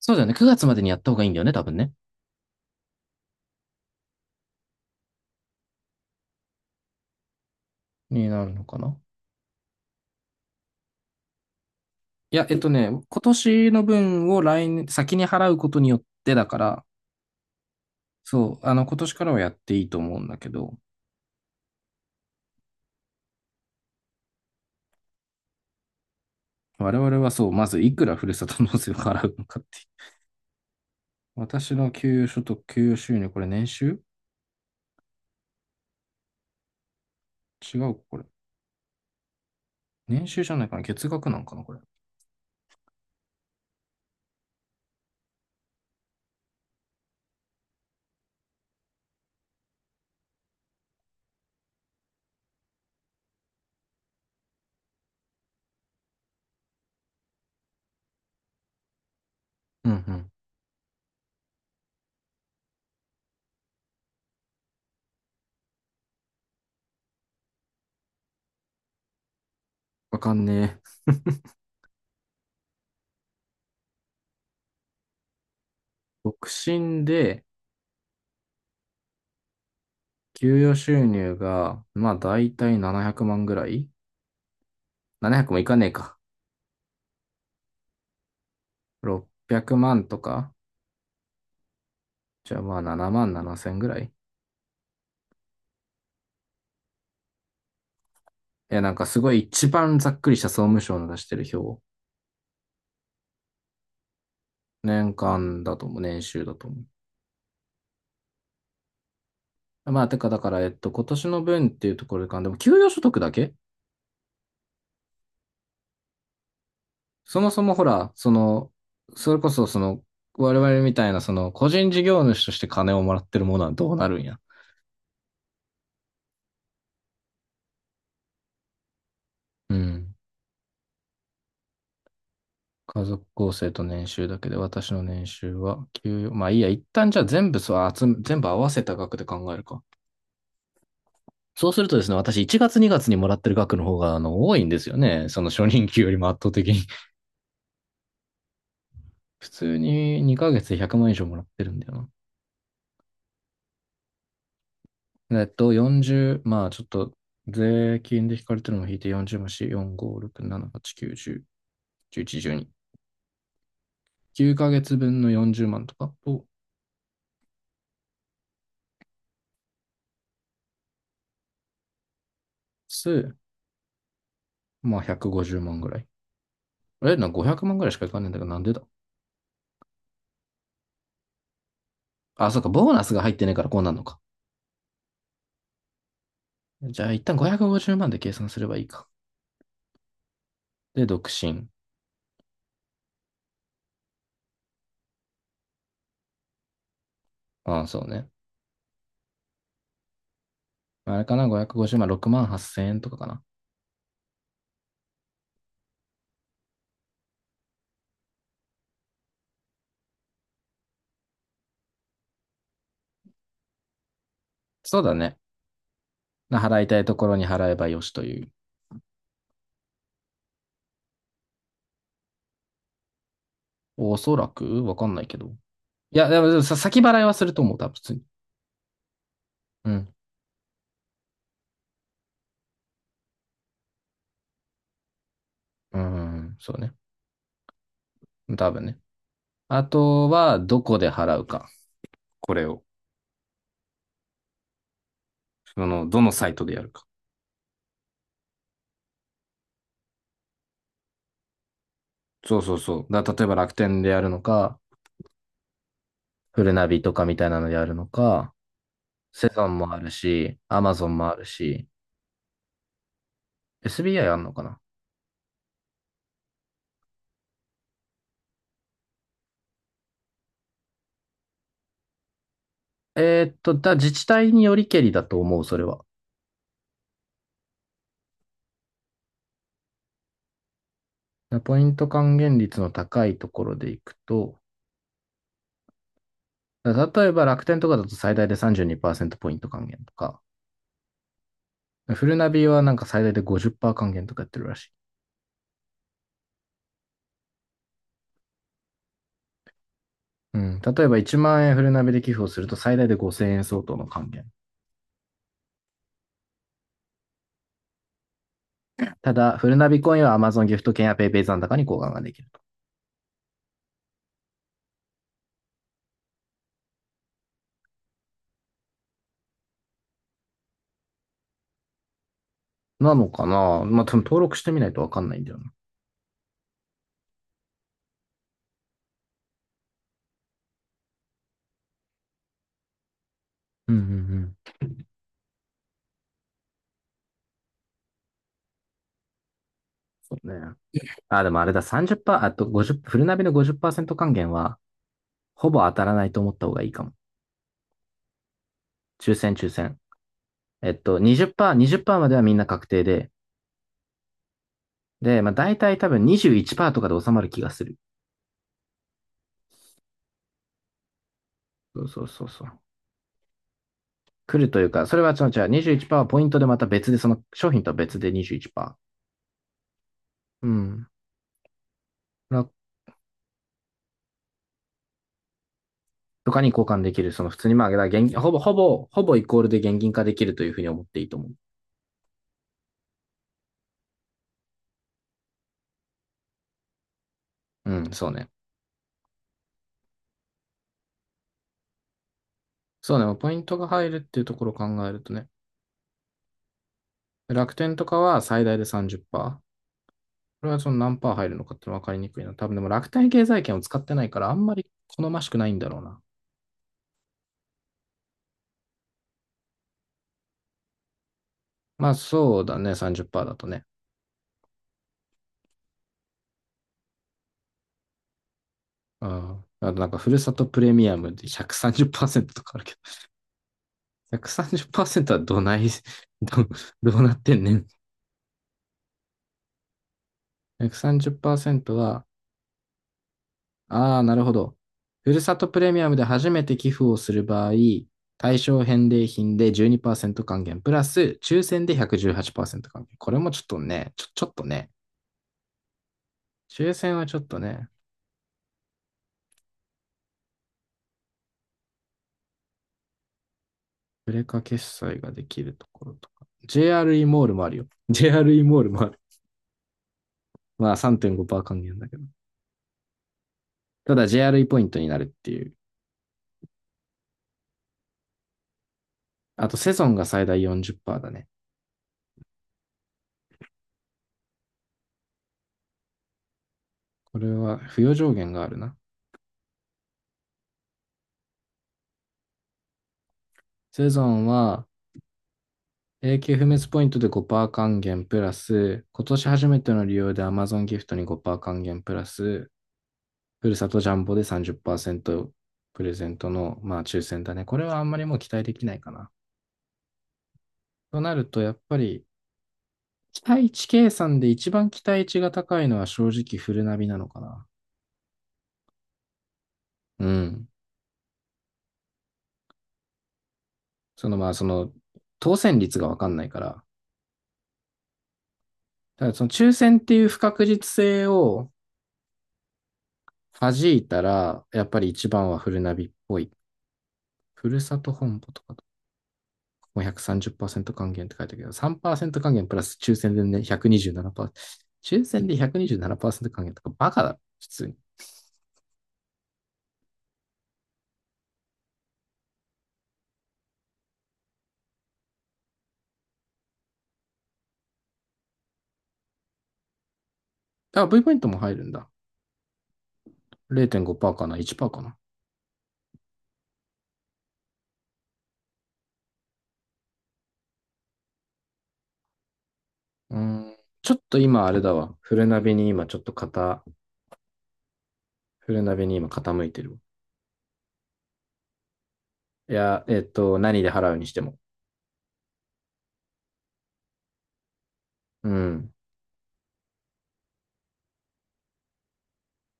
そうだよね。9月までにやった方がいいんだよね、多分ね。になるのかな。いや、今年の分を来年、先に払うことによってだから、そう、今年からはやっていいと思うんだけど、我々はそう、まずいくらふるさと納税を払うのかっていう。私の給与所得、給与収入、これ年収違うか、これ。年収じゃないかな。月額なんかな、これ。うんうん。わかんねえ。独身で、給与収入が、まあ、だいたい700万ぐらい ?700 もいかねえか。600万とか、じゃあまあ7万7千ぐらい。え、なんかすごい一番ざっくりした総務省の出してる表。年間だと思う。年収だと思う。まあ、てかだから、今年の分っていうところでか、でも給与所得だけ。そもそもほら、それこそ我々みたいな個人事業主として金をもらってるものはどうなるんや。うん。家族構成と年収だけで、私の年収は給与、まあいいや、一旦じゃあ全部そう、全部合わせた額で考えるか。そうするとですね、私1月2月にがつにもらってる額の方が多いんですよね。その初任給よりも圧倒的に。普通に2ヶ月で100万以上もらってるんだよな。40、まあちょっと税金で引かれてるのを引いて40万し、4、5、6、7、8、9、10、11、12。9ヶ月分の40万とかと、数、まあ150万ぐらい。あれな、500万ぐらいしかいかねえんだけど、なんでだ。あ、そうか、ボーナスが入ってねえからこうなるのか。じゃあ一旦550万で計算すればいいか。で、独身。ああ、そうね。あれかな、550万、6万8千円とかかな。そうだね。払いたいところに払えばよしという。おそらくわかんないけど。いや、でもさ先払いはすると思う、多分普通に。うん。うん、そうね。多分ね。あとは、どこで払うか。これを。どのサイトでやるか。そうそうそう。例えば楽天でやるのか、フルナビとかみたいなのでやるのか、セゾンもあるし、アマゾンもあるし、SBI あんのかな。自治体によりけりだと思う、それは。ポイント還元率の高いところでいくと、例えば楽天とかだと最大で32%ポイント還元とか、フルナビはなんか最大で50%還元とかやってるらしい。うん、例えば1万円フルナビで寄付をすると最大で5000円相当の還元。ただ、フルナビコインは Amazon ギフト券や PayPay 残高に交換ができると。なのかな。まあ、登録してみないとわかんないんだよな。うんうんうん。そうね。あ、でもあれだ、30%、あと50、フルナビの50%還元は、ほぼ当たらないと思った方がいいかも。抽選抽選。20%、20%まではみんな確定で、で、まあ大体多分21%とかで収まる気がする。そうそうそうそう。来るというか、それは違う違う、21%はポイントでまた別で、その商品とは別で21%。うん。とかに交換できる、その普通にまあ、現金、ほぼ、ほぼ、ほぼイコールで現金化できるというふうに思っていいと思う。うん、そうね。そうね、ポイントが入るっていうところを考えるとね。楽天とかは最大で30%。これはその何パー入るのかっての分かりにくいな。多分でも楽天経済圏を使ってないからあんまり好ましくないんだろうな。まあそうだね、30%だとね。うん。あとなんか、ふるさとプレミアムで130%とかあるけど、130%はどない、ど、どうなってんねん。130%は、ああ、なるほど。ふるさとプレミアムで初めて寄付をする場合、対象返礼品で12%還元、プラス抽選で118%還元。これもちょっとね、ちょっとね、抽選はちょっとね、プレカ決済ができるところとか。JRE モールもあるよ。JRE モールもある。まあ3.5%還元だけど。ただ JRE ポイントになるっていう。あとセゾンが最大40%だね。これは付与上限があるな。セゾンは永久不滅ポイントで5%還元プラス、今年初めての利用で Amazon ギフトに5%還元プラス、ふるさとジャンボで30%プレゼントの、まあ、抽選だね。これはあんまりもう期待できないかな。となると、やっぱり期待値計算で一番期待値が高いのは正直フルナビなのかな。うん。そのまあその当選率が分かんないから、ただその抽選っていう不確実性を弾いたら、やっぱり一番はフルナビっぽい。ふるさと本舗とかと、もう3 0還元って書いてあるけど、3%還元プラス抽選でね、127%。抽選で127%還元とかバカだ、普通に。だから V ポイントも入るんだ。0.5%かな ?1% かな。うーん。ちょっと今あれだわ。フルナビに今傾いてるわ。いや、何で払うにしても。うん。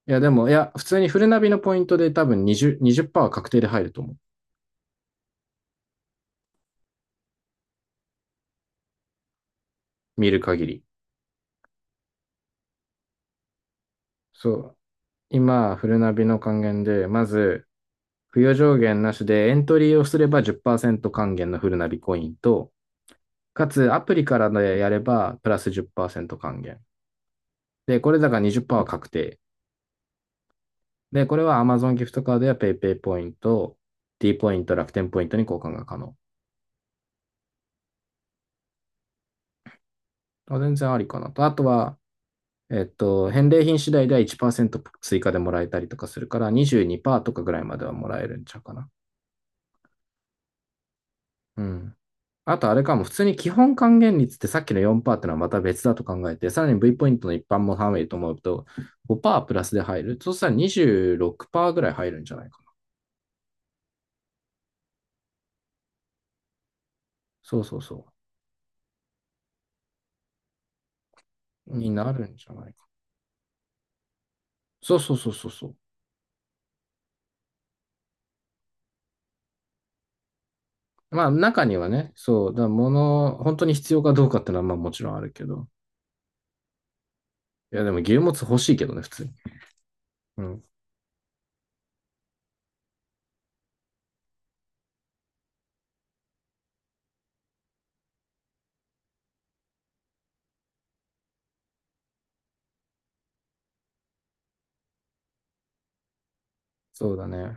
いや、でも、いや、普通にフルナビのポイントで多分20、20%は確定で入ると思う。見る限り。そう。今、フルナビの還元で、まず、付与上限なしでエントリーをすれば10%還元のフルナビコインと、かつアプリからでやればプラス10%還元。で、これだから20%は確定。で、これは Amazon ギフトカードや PayPay ポイント、D ポイント、楽天ポイントに交換が可能。あ全然ありかなと。あとは、返礼品次第では1%追加でもらえたりとかするから22%とかぐらいまではもらえるんちゃうかな。うん。あとあれかも、普通に基本還元率ってさっきの4%ってのはまた別だと考えて、さらに V ポイントの一般も含めると思うと5%プラスで入る。そうしたら26%ぐらい入るんじゃないか。そうそうそう。になるんじゃないか。そうそうそうそうそう。まあ中にはね、そう、物、本当に必要かどうかってのはまあもちろんあるけど。いやでも牛もつ欲しいけどね、普通に。うん。そうだね。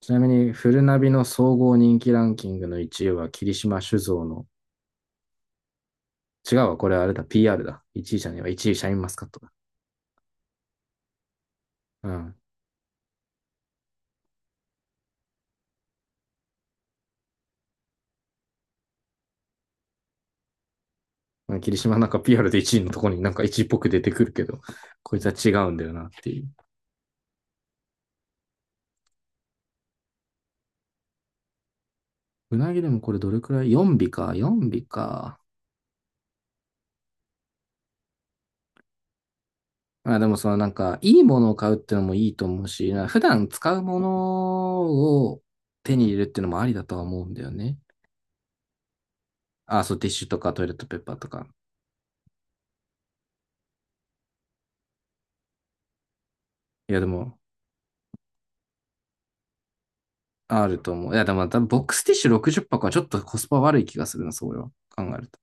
ちなみに、フルナビの総合人気ランキングの1位は霧島酒造の、違うわ、これあれだ、PR だ。1位じゃねえわ、1位シャインマスカットだ。うん。霧島なんか PR で1位のところになんか1位っぽく出てくるけど、こいつは違うんだよなっていう。うなぎでもこれどれくらい ?4 尾か、4尾か。あ、でもいいものを買うってのもいいと思うし、な普段使うものを手に入れるってのもありだとは思うんだよね。あ、そう、ティッシュとかトイレットペーパーとか。いや、でも、あると思う。いや、でも多分ボックスティッシュ60箱はちょっとコスパ悪い気がするな、それは。考えると。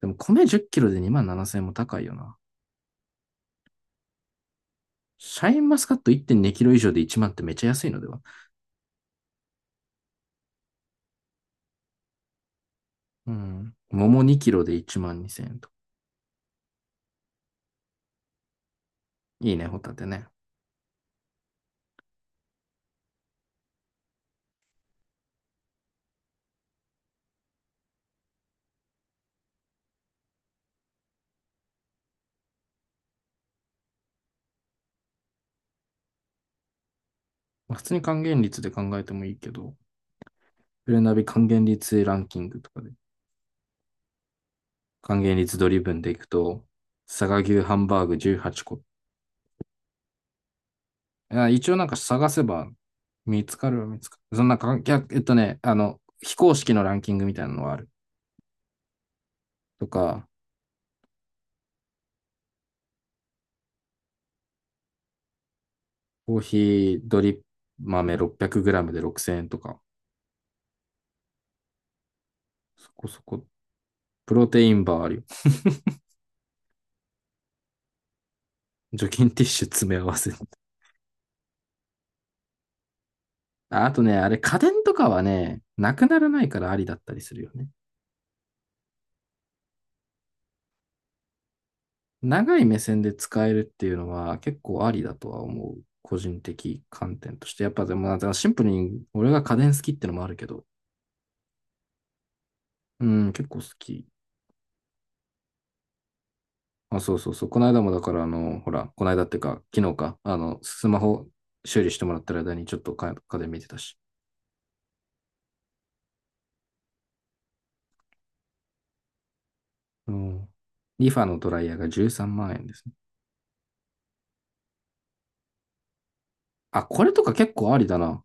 でも米10キロで2万7000円も高いよな。シャインマスカット1.2キロ以上で1万ってめっちゃ安いのでは？うん。桃2キロで1万2000円と。いいね、ホタテね。まあ普通に還元率で考えてもいいけど、プレナビ還元率ランキングとかで、還元率ドリブンでいくと、佐賀牛ハンバーグ18個。いや一応なんか探せば見つかるは見つかる。そんな関非公式のランキングみたいなのはある。とか、コーヒードリップ豆 600g で6000円とか、そこそこ、プロテインバーあるよ。除菌ティッシュ詰め合わせ。ああとね、あれ家電とかはね、なくならないからありだったりするよね。長い目線で使えるっていうのは結構ありだとは思う。個人的観点として。やっぱでも、シンプルに俺が家電好きってのもあるけど、うん、結構好き。あ、そうそうそう。この間もだから、この間っていうか、昨日か、スマホ修理してもらってる間にちょっとか家で見てたし。うん。リファのドライヤーが13万円ですね。あ、これとか結構ありだな。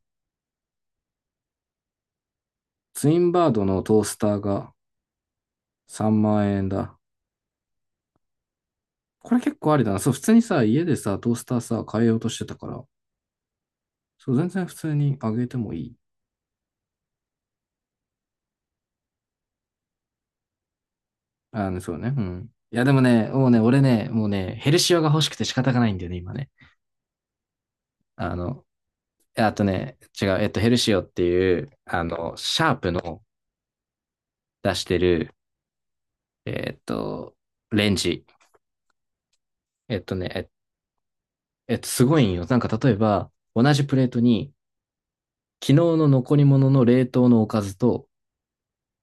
ツインバードのトースターが3万円だ。これ結構ありだな。そう、普通にさ、家でさ、トースターさ、変えようとしてたから、そう、全然普通にあげてもいい。そうね。うん。いや、でもね、もうね、ヘルシオが欲しくて仕方がないんだよね、今ね。あの、あとね、違う、えっと、ヘルシオっていう、シャープの出してる、えっと、レンジ。えっとね、えすごいんよ。なんか、例えば、同じプレートに、昨日の残り物の冷凍のおかずと、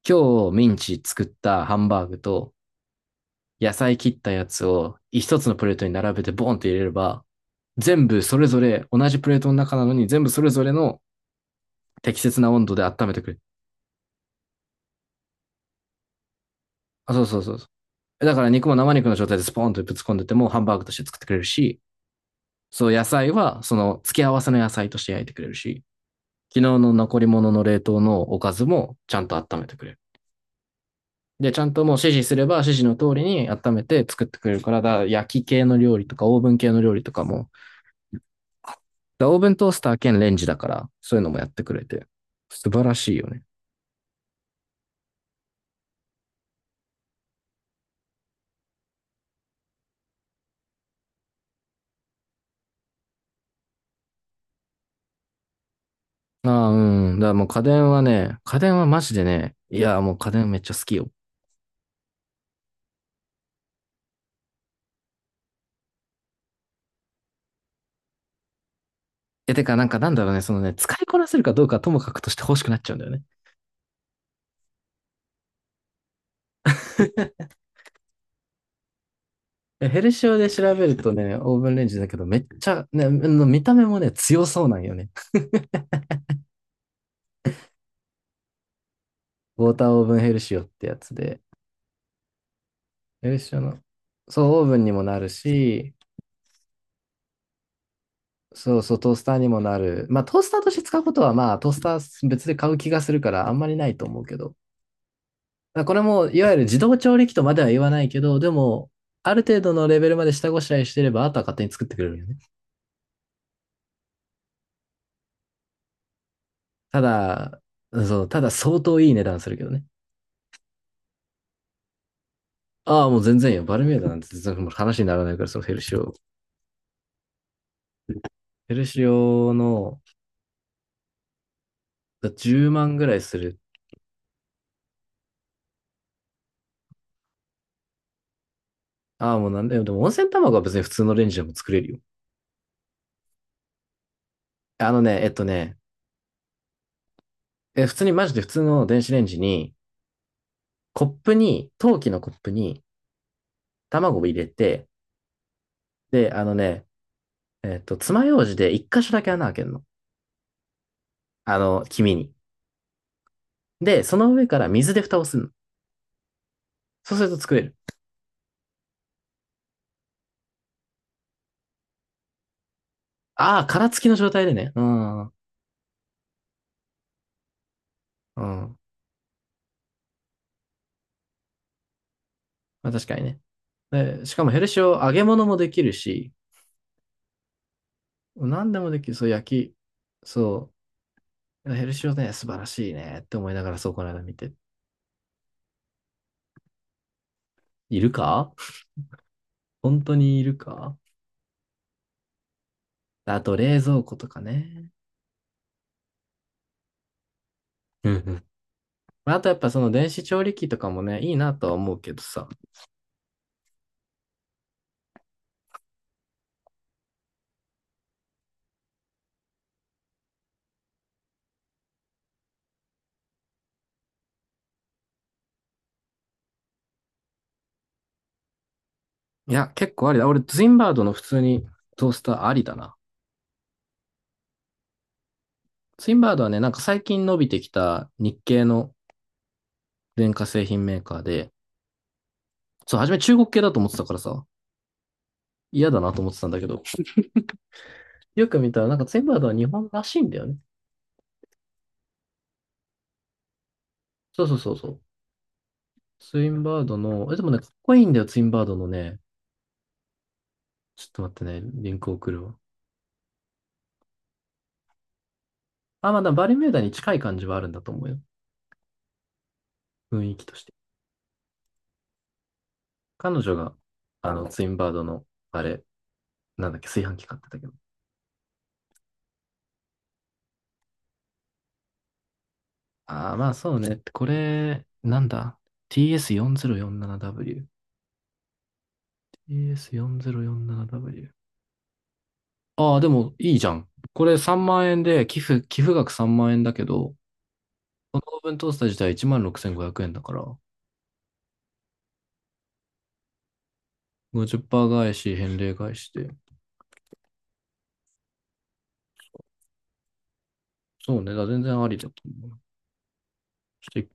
今日ミンチ作ったハンバーグと、野菜切ったやつを一つのプレートに並べてボンって入れれば、全部それぞれ同じプレートの中なのに全部それぞれの適切な温度で温めてくれる。あ、そうそうそう、だから肉も生肉の状態でスポーンとぶつ込んでてもハンバーグとして作ってくれるし、そう野菜はその付け合わせの野菜として焼いてくれるし、昨日の残り物の冷凍のおかずもちゃんと温めてくれる。で、ちゃんともう指示すれば指示の通りに温めて作ってくれるから、だ焼き系の料理とかオーブン系の料理とかも、だオーブントースター兼レンジだから、そういうのもやってくれて、素晴らしいよね。ああ、うん。だからもう家電はね、家電はマジでね、いや、もう家電めっちゃ好きよ。え、てか、なんだろうね、そのね、使いこなせるかどうかはともかくとして欲しくなっちゃうんだよね。えヘルシオで調べるとね、オーブンレンジだけど、めっちゃ、ね、の見た目もね、強そうなんよね。ウォーターオーブンヘルシオってやつで。ヘルシオの、そう、オーブンにもなるし、そうそう、トースターにもなる。まあ、トースターとして使うことは、まあ、トースター別で買う気がするから、あんまりないと思うけど。だからこれも、いわゆる自動調理器とまでは言わないけど、でも、ある程度のレベルまで下ごしらえしてれば、あとは勝手に作ってくれるよね。ただ、そう、ただ相当いい値段するけどね。ああ、もう全然よ。バルミューダなんて全然もう話にならないから、そのヘルシオ。ヘルシオの10万ぐらいする。ああ、もうなんだよ。でも温泉卵は別に普通のレンジでも作れるよ。あのね、えっとね、え、普通にマジで普通の電子レンジに、コップに、陶器のコップに卵を入れて、で、あのね、えっと、爪楊枝で一箇所だけ穴開けるの。あの、黄身に。で、その上から水で蓋をするの。そうすると作れる。ああ、殻付きの状態でね。うん。うん。まあ、確かにね。で、しかもヘルシオ揚げ物もできるし、何でもできる。そう、焼き。そう。ヘルシオね、素晴らしいねって思いながら、そう、この間見て。いるか？本当にいるか？あと、冷蔵庫とかね。うんうん。まああとやっぱその電子調理器とかもね、いいなとは思うけどさ。いや、結構ありだ。俺、ツインバードの普通にトースターありだな。ツインバードはね、なんか最近伸びてきた日系の電化製品メーカーで、そう、初め中国系だと思ってたからさ、嫌だなと思ってたんだけど、よく見たら、なんかツインバードは日本らしいんだよね。そうそうそうそう。ツインバードの、え、でもね、かっこいいんだよ、ツインバードのね。ちょっと待ってね、リンク送るわ。あ、まあ、だバルミューダに近い感じはあるんだと思うよ。雰囲気として。彼女が、ツインバードの、あれ、なんだっけ、炊飯器買ってたけど。ああ、まあそうね。これ、なんだ？ TS4047W。TS4047W。ああ、でもいいじゃん。これ3万円で、寄付額3万円だけど、このオーブントースター自体16,500円だから、50%返し、返礼返しで。そうね、だから全然ありだと思う。ちょっと一